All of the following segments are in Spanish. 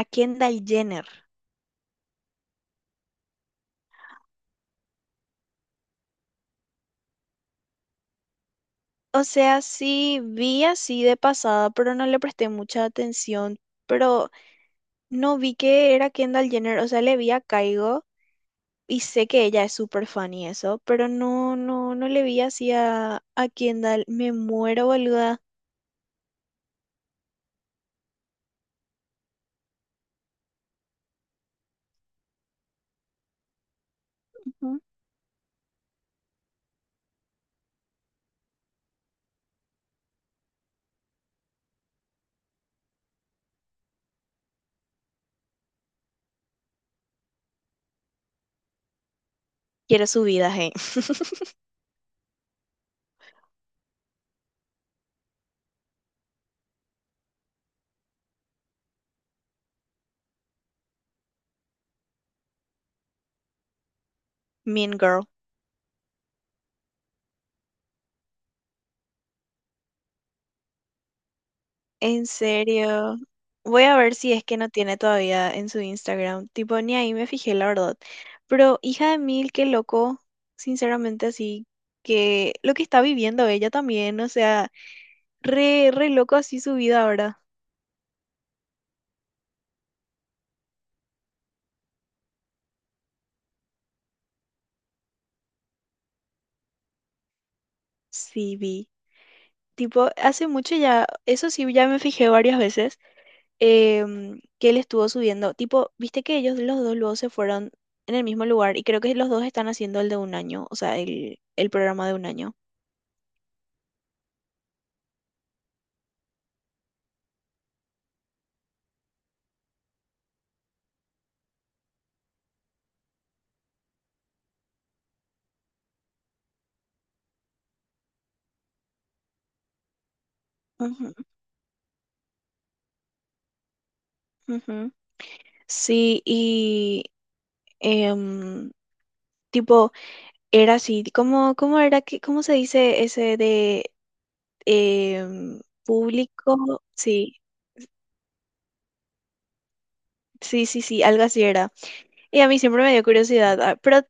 A Kendall Jenner. O sea, sí vi así de pasada, pero no le presté mucha atención. Pero no vi que era Kendall Jenner, o sea, le vi a Kygo y sé que ella es súper fan y eso, pero no, no, no le vi así a Kendall. Me muero, boluda. Ujú. Quiero su vida, hey. Mean Girl. En serio. Voy a ver si es que no tiene todavía en su Instagram. Tipo, ni ahí me fijé, la verdad. Pero hija de mil, qué loco. Sinceramente, así que lo que está viviendo ella también. O sea, re, re loco así su vida ahora. Sí, vi. Tipo, hace mucho ya, eso sí, ya me fijé varias veces. Que él estuvo subiendo. Tipo, viste que ellos los dos luego se fueron en el mismo lugar y creo que los dos están haciendo el de un año, o sea, el programa de un año. Ujú, ujú. Sí, y em, tipo, era así, ¿Cómo era que, cómo se dice ese de em, público? Sí, sí, sí, sí, algo así era. Y a mí siempre me dio curiosidad, ah, pero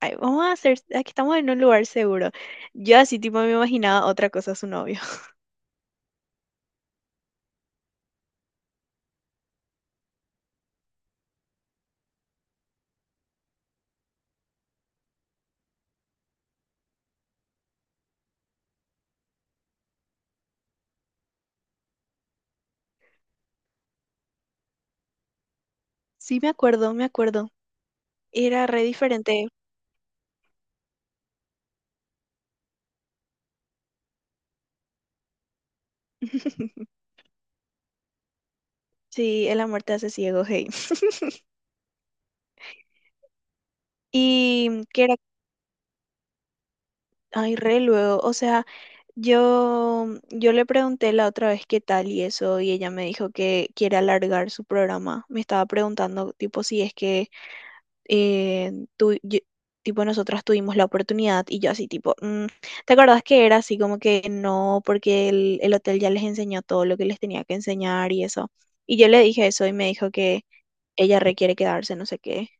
ay, vamos a hacer, aquí estamos en un lugar seguro. Yo así tipo me imaginaba otra cosa a su novio. Sí, me acuerdo, me acuerdo. Era re diferente. Sí, el amor te hace ciego, hey. Y que era, ay, re luego, o sea, yo le pregunté la otra vez qué tal y eso, y ella me dijo que quiere alargar su programa. Me estaba preguntando, tipo, si es que eh, tu- yo- tipo, nosotras tuvimos la oportunidad y yo así, tipo, "Mm, ¿te acordás que era así como que no, porque el hotel ya les enseñó todo lo que les tenía que enseñar y eso? Y yo le dije eso y me dijo que ella requiere quedarse, no sé qué.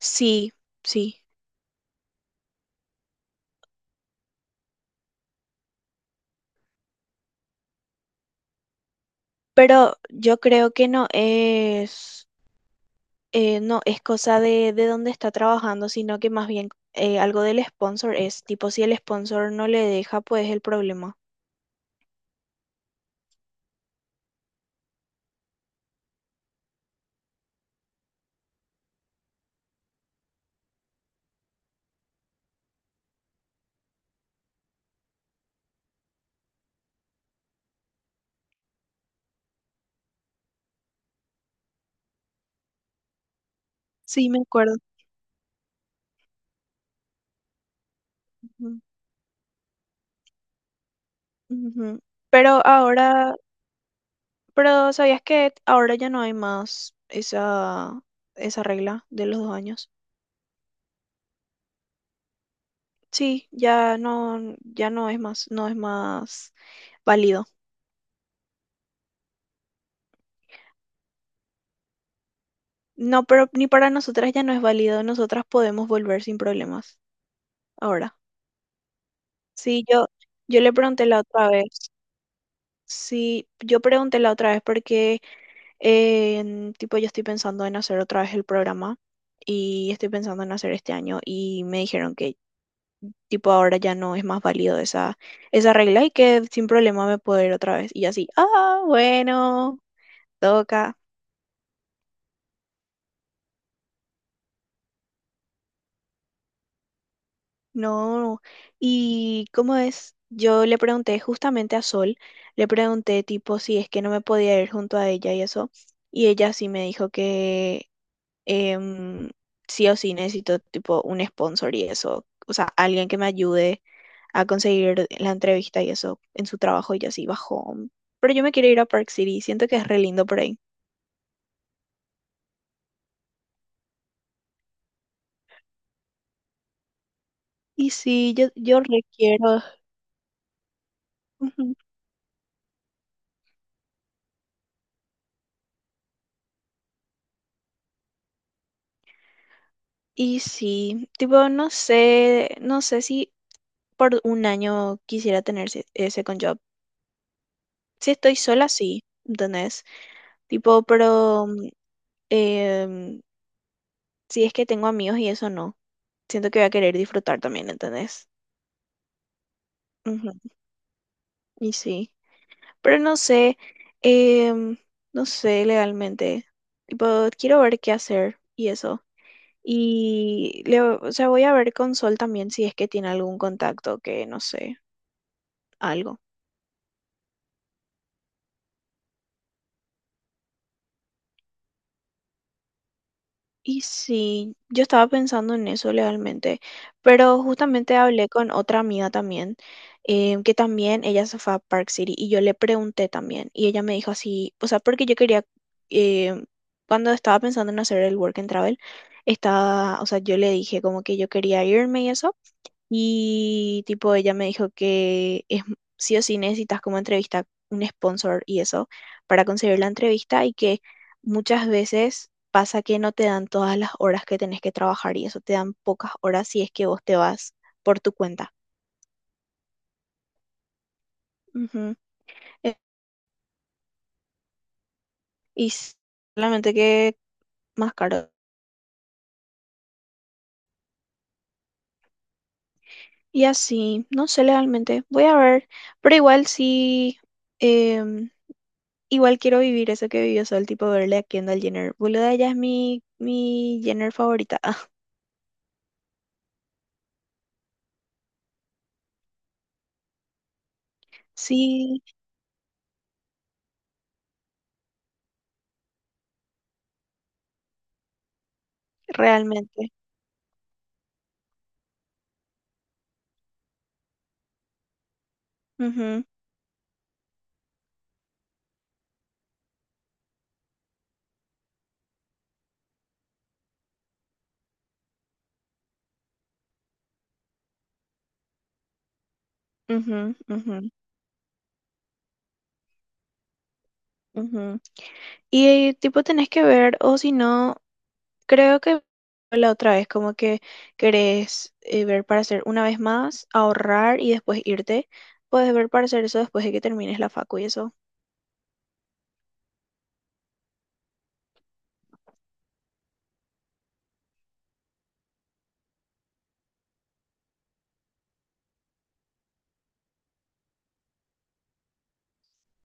Sí, sí, pero yo creo que no es, no es cosa de, dónde está trabajando, sino que más bien algo del sponsor es, tipo, si el sponsor no le deja, pues es el problema. Sí, me acuerdo. Ujú. Pero ahora, pero ¿sabías que ahora ya no hay más esa regla de los 2 años? Sí, ya no es más, no es más válido. No, pero ni para nosotras ya no es válido. Nosotras podemos volver sin problemas ahora. Sí, yo le pregunté la otra vez. Sí, yo pregunté la otra vez porque tipo yo estoy pensando en hacer otra vez el programa y estoy pensando en hacer este año y me dijeron que tipo ahora ya no es más válido esa regla y que sin problema me puedo ir otra vez. Y yo así, ah, bueno, toca. No. Y cómo es, yo le pregunté justamente a Sol, le pregunté tipo si es que no me podía ir junto a ella y eso. Y ella sí me dijo que em, sí o sí necesito tipo un sponsor y eso. O sea, alguien que me ayude a conseguir la entrevista y eso en su trabajo y yo así bajó. Pero yo me quiero ir a Park City, siento que es re lindo por ahí. Y sí, yo requiero. Ujú. Y sí, tipo, no sé, no sé si por un año quisiera tener ese con job. Si estoy sola, sí, ¿entendés? Tipo, pero mm, em, si es que tengo amigos y eso no. Siento que voy a querer disfrutar también, ¿entendés? Ujú, y sí. Pero no sé, em, no sé legalmente. Tipo, quiero ver qué hacer y eso. Y le, o sea, voy a ver con Sol también si es que tiene algún contacto que no sé, algo. Y sí, yo estaba pensando en eso realmente, pero justamente hablé con otra amiga también, que también ella se fue a Park City y yo le pregunté también y ella me dijo así, o sea, porque yo quería, em, cuando estaba pensando en hacer el work and travel, estaba, o sea, yo le dije como que yo quería irme y eso. Y tipo, ella me dijo que es sí o sí necesitas como entrevista un sponsor y eso para conseguir la entrevista y que muchas veces pasa que no te dan todas las horas que tenés que trabajar y eso te dan pocas horas si es que vos te vas por tu cuenta. Ujú. Eh, Y solamente que más caro. Y así, no sé legalmente, voy a ver, pero igual sí, em, igual quiero vivir eso que vivió Sol, tipo verle a Kendall Jenner. Boluda, ella es mi, Jenner favorita. Sí, realmente. Ujú, ujú, ujú, ujú. Y tipo tenés que ver, o si no, creo que la otra vez, como que querés ver para hacer una vez más, ahorrar y después irte. Puedes ver para hacer eso después de que termines la facu y eso.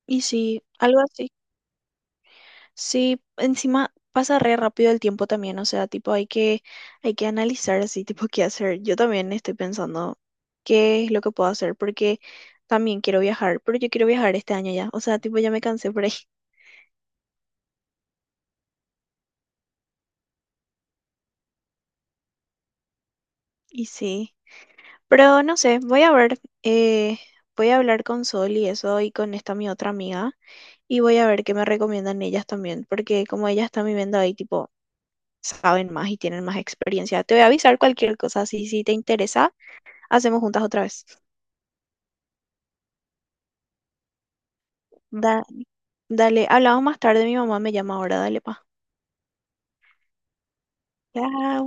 Y sí, algo así. Sí, encima pasa re rápido el tiempo también, o sea, tipo hay que analizar así, tipo qué hacer. Yo también estoy pensando qué es lo que puedo hacer, porque también quiero viajar, pero yo quiero viajar este año ya, o sea, tipo ya me cansé por ahí. Y sí, pero no sé, voy a ver, eh, voy a hablar con Sol y eso y con esta mi otra amiga y voy a ver qué me recomiendan ellas también, porque como ellas están viviendo ahí, tipo, saben más y tienen más experiencia. Te voy a avisar cualquier cosa, si te interesa, hacemos juntas otra vez. Da- dale, hablamos más tarde, mi mamá me llama ahora, dale, pa. Chao.